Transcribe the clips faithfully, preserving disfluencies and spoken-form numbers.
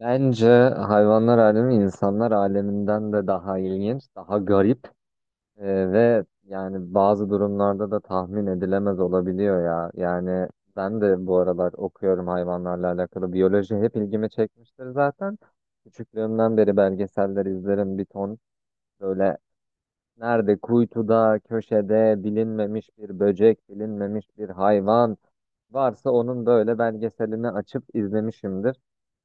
Bence hayvanlar alemi insanlar aleminden de daha ilginç, daha garip e, ve yani bazı durumlarda da tahmin edilemez olabiliyor ya. Yani ben de bu aralar okuyorum hayvanlarla alakalı. Biyoloji hep ilgimi çekmiştir zaten. Küçüklüğümden beri belgeseller izlerim bir ton. Böyle nerede kuytuda, köşede bilinmemiş bir böcek, bilinmemiş bir hayvan. Varsa onun böyle belgeselini açıp izlemişimdir.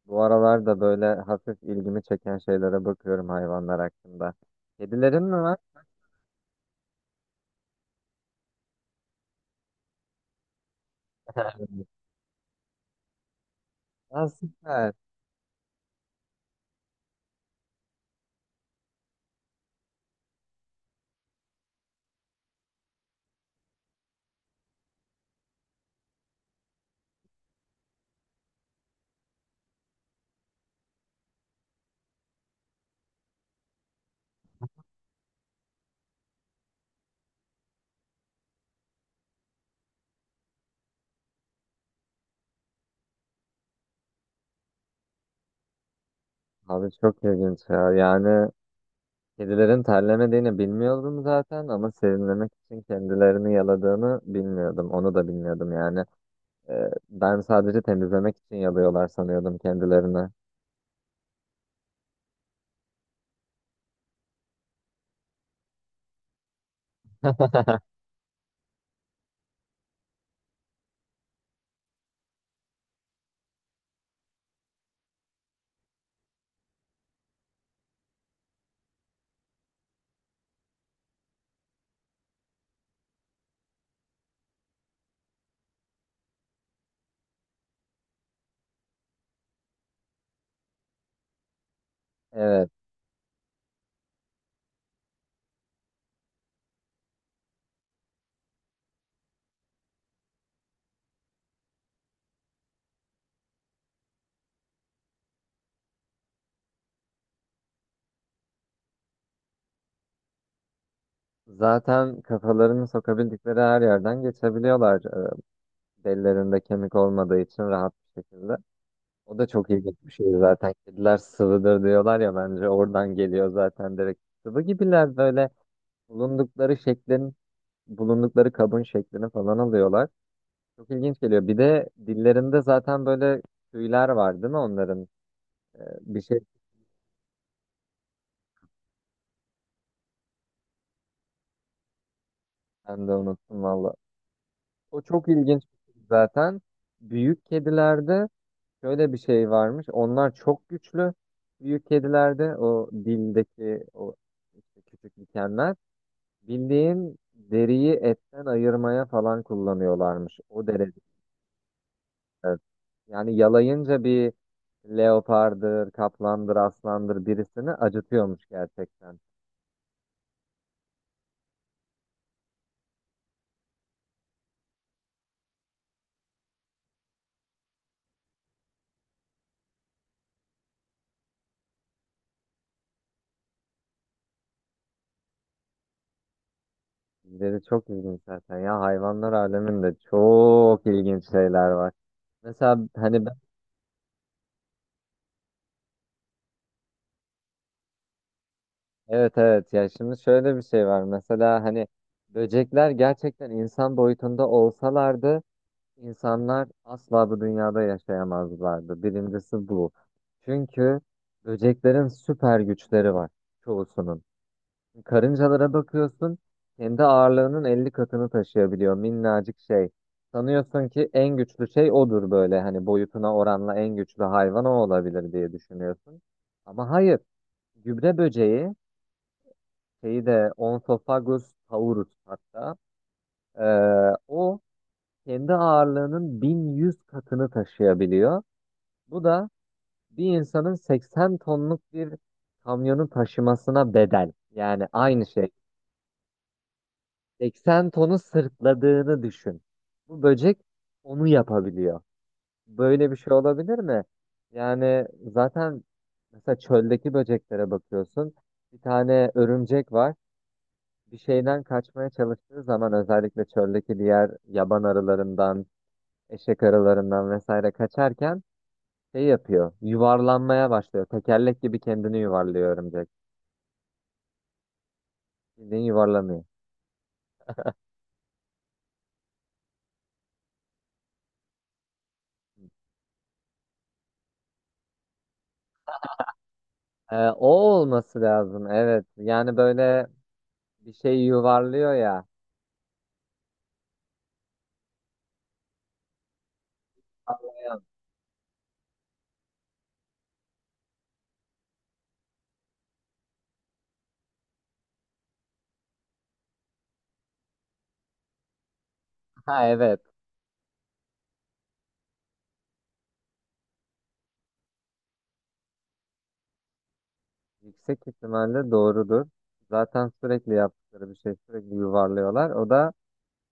Bu aralar da böyle hafif ilgimi çeken şeylere bakıyorum hayvanlar hakkında. Kedilerin mi var? Ha, süper. Abi çok ilginç ya. Yani kedilerin terlemediğini bilmiyordum zaten ama serinlemek için kendilerini yaladığını bilmiyordum. Onu da bilmiyordum yani. Ee, ben sadece temizlemek için yalıyorlar sanıyordum kendilerini. Evet. Zaten kafalarını sokabildikleri her yerden geçebiliyorlar. Derilerinde kemik olmadığı için rahat bir şekilde. O da çok ilginç bir şey zaten. Kediler sıvıdır diyorlar ya bence oradan geliyor zaten direkt. Sıvı gibiler böyle bulundukları şeklin, bulundukları kabın şeklini falan alıyorlar. Çok ilginç geliyor. Bir de dillerinde zaten böyle tüyler var değil mi onların? Ee, bir şey ben de unuttum valla. O çok ilginç bir şey zaten. Büyük kedilerde şöyle bir şey varmış. Onlar çok güçlü. Büyük kedilerde o dildeki o işte küçük dikenler bildiğin deriyi etten ayırmaya falan kullanıyorlarmış. O derece. Evet. Yani yalayınca bir leopardır, kaplandır, aslandır birisini acıtıyormuş gerçekten. Deri çok ilginç zaten ya, hayvanlar aleminde çok ilginç şeyler var. Mesela hani. Evet, evet, ya şimdi şöyle bir şey var mesela hani böcekler gerçekten insan boyutunda olsalardı insanlar asla bu dünyada yaşayamazlardı. Birincisi bu. Çünkü böceklerin süper güçleri var çoğusunun. Karıncalara bakıyorsun kendi ağırlığının elli katını taşıyabiliyor minnacık şey. Sanıyorsun ki en güçlü şey odur, böyle hani boyutuna oranla en güçlü hayvan o olabilir diye düşünüyorsun. Ama hayır, gübre böceği şeyi de Onsophagus taurus hatta, e, o kendi ağırlığının bin yüz katını taşıyabiliyor. Bu da bir insanın seksen tonluk bir kamyonu taşımasına bedel. Yani aynı şey. seksen tonu sırtladığını düşün. Bu böcek onu yapabiliyor. Böyle bir şey olabilir mi? Yani zaten mesela çöldeki böceklere bakıyorsun. Bir tane örümcek var. Bir şeyden kaçmaya çalıştığı zaman, özellikle çöldeki diğer yaban arılarından, eşek arılarından vesaire kaçarken şey yapıyor. Yuvarlanmaya başlıyor. Tekerlek gibi kendini yuvarlıyor örümcek. Bildiğin yuvarlanıyor. Ee, o olması lazım. Evet. Yani böyle bir şey yuvarlıyor ya. Sallayan. Ha, evet. Yüksek ihtimalle doğrudur. Zaten sürekli yaptıkları bir şey, sürekli yuvarlıyorlar. O da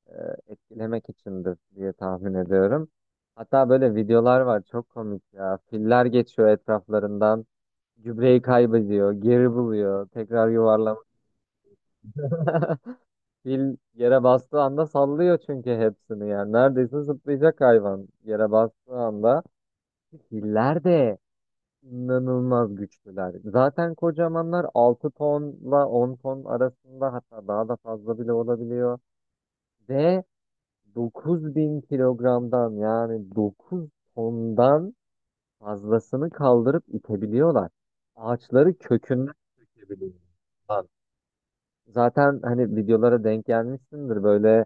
e, etkilemek içindir diye tahmin ediyorum. Hatta böyle videolar var çok komik ya. Filler geçiyor etraflarından. Gübreyi kaybediyor, geri buluyor, tekrar yuvarlanıyor. Fil yere bastığı anda sallıyor çünkü hepsini yani. Neredeyse zıplayacak hayvan yere bastığı anda. Filler de inanılmaz güçlüler. Zaten kocamanlar, altı tonla on ton arasında, hatta daha da fazla bile olabiliyor. Ve dokuz bin kilogramdan, yani dokuz tondan fazlasını kaldırıp itebiliyorlar. Ağaçları kökünden sökebiliyorlar. Lan, zaten hani videolara denk gelmişsindir, böyle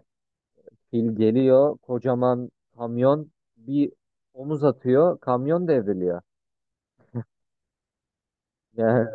fil geliyor kocaman kamyon, bir omuz atıyor, kamyon devriliyor. Yani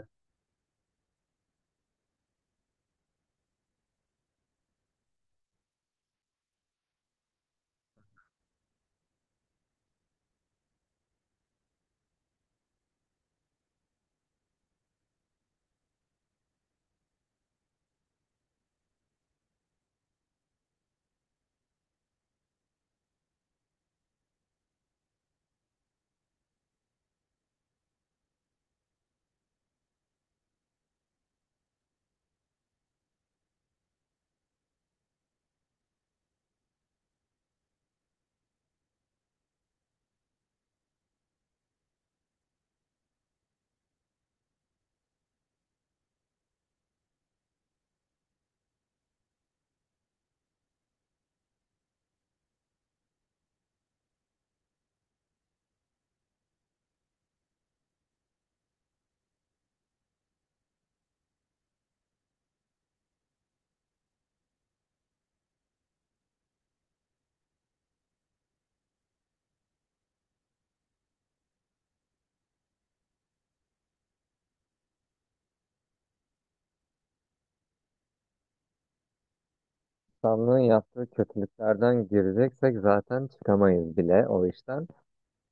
insanlığın yaptığı kötülüklerden gireceksek zaten çıkamayız bile o işten.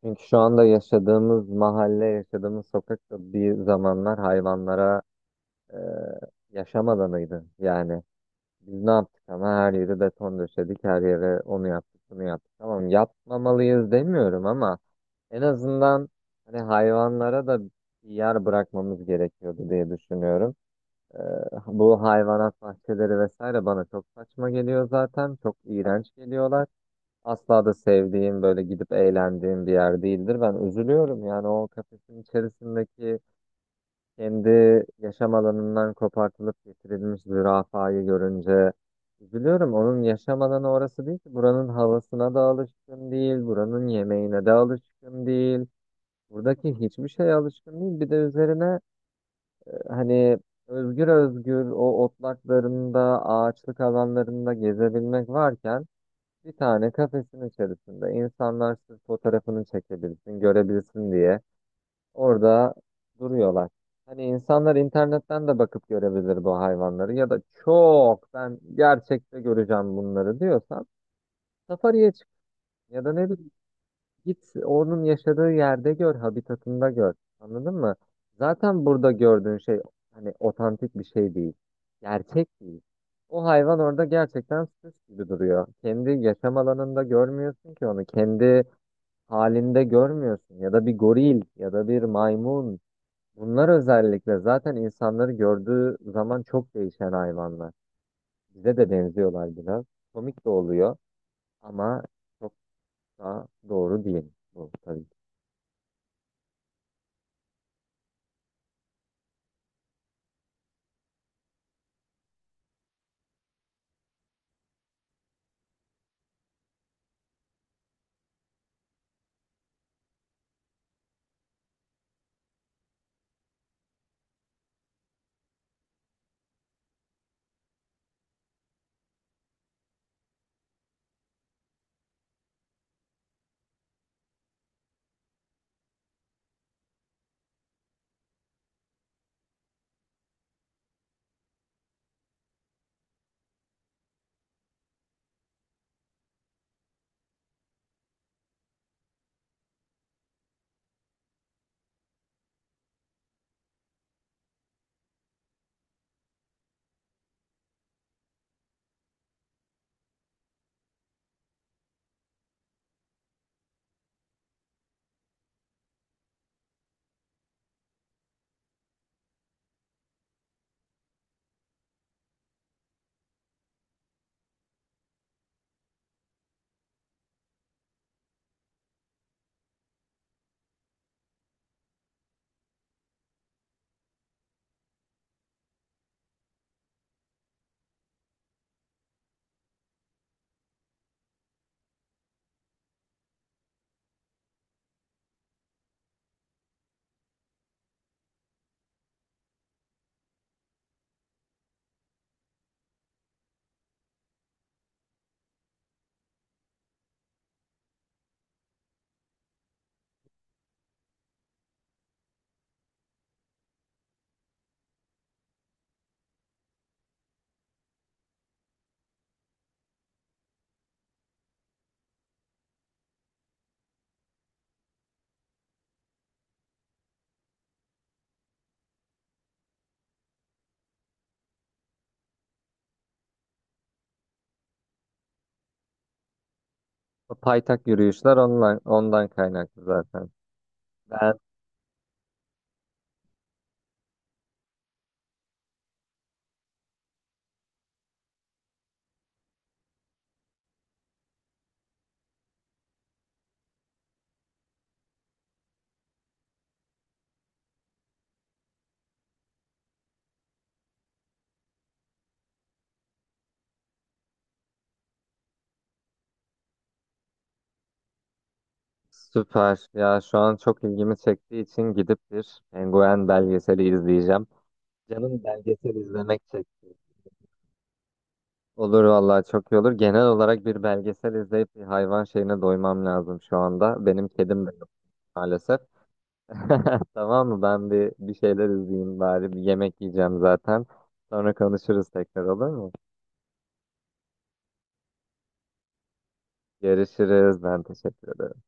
Çünkü şu anda yaşadığımız mahalle, yaşadığımız sokak da bir zamanlar hayvanlara e, yaşam alanıydı. Yani biz ne yaptık ama, her yeri beton döşedik, her yere onu yaptık, bunu yaptık. Tamam, yapmamalıyız demiyorum ama en azından hani hayvanlara da bir yer bırakmamız gerekiyordu diye düşünüyorum. E, bu hayvanat bahçeleri vesaire bana çok saçma geliyor zaten. Çok iğrenç geliyorlar. Asla da sevdiğim, böyle gidip eğlendiğim bir yer değildir. Ben üzülüyorum yani, o kafesin içerisindeki kendi yaşam alanından kopartılıp getirilmiş zürafayı görünce üzülüyorum. Onun yaşam alanı orası değil ki. Buranın havasına da alışkın değil, buranın yemeğine de alışkın değil. Buradaki hiçbir şeye alışkın değil. Bir de üzerine e, hani özgür özgür o otlaklarında, ağaçlık alanlarında gezebilmek varken bir tane kafesin içerisinde insanlar sırf fotoğrafını çekebilsin, görebilsin diye orada duruyorlar. Hani insanlar internetten de bakıp görebilir bu hayvanları, ya da çok ben gerçekte göreceğim bunları diyorsan safariye çık ya da ne bileyim, git onun yaşadığı yerde gör, habitatında gör. Anladın mı? Zaten burada gördüğün şey hani otantik bir şey değil. Gerçek değil. O hayvan orada gerçekten süs gibi duruyor. Kendi yaşam alanında görmüyorsun ki onu. Kendi halinde görmüyorsun. Ya da bir goril ya da bir maymun, bunlar özellikle zaten insanları gördüğü zaman çok değişen hayvanlar. Bize de benziyorlar biraz. Komik de oluyor ama çok da doğru değil bu tabii ki. O paytak yürüyüşler ondan, ondan kaynaklı zaten. Ben süper ya, şu an çok ilgimi çektiği için gidip bir penguen belgeseli izleyeceğim. Canım belgesel izlemek çekti. Olur vallahi, çok iyi olur. Genel olarak bir belgesel izleyip bir hayvan şeyine doymam lazım şu anda. Benim kedim de yok maalesef. Tamam mı? Ben bir bir şeyler izleyeyim bari. Bir yemek yiyeceğim zaten. Sonra konuşuruz tekrar, olur mu? Görüşürüz. Ben teşekkür ederim.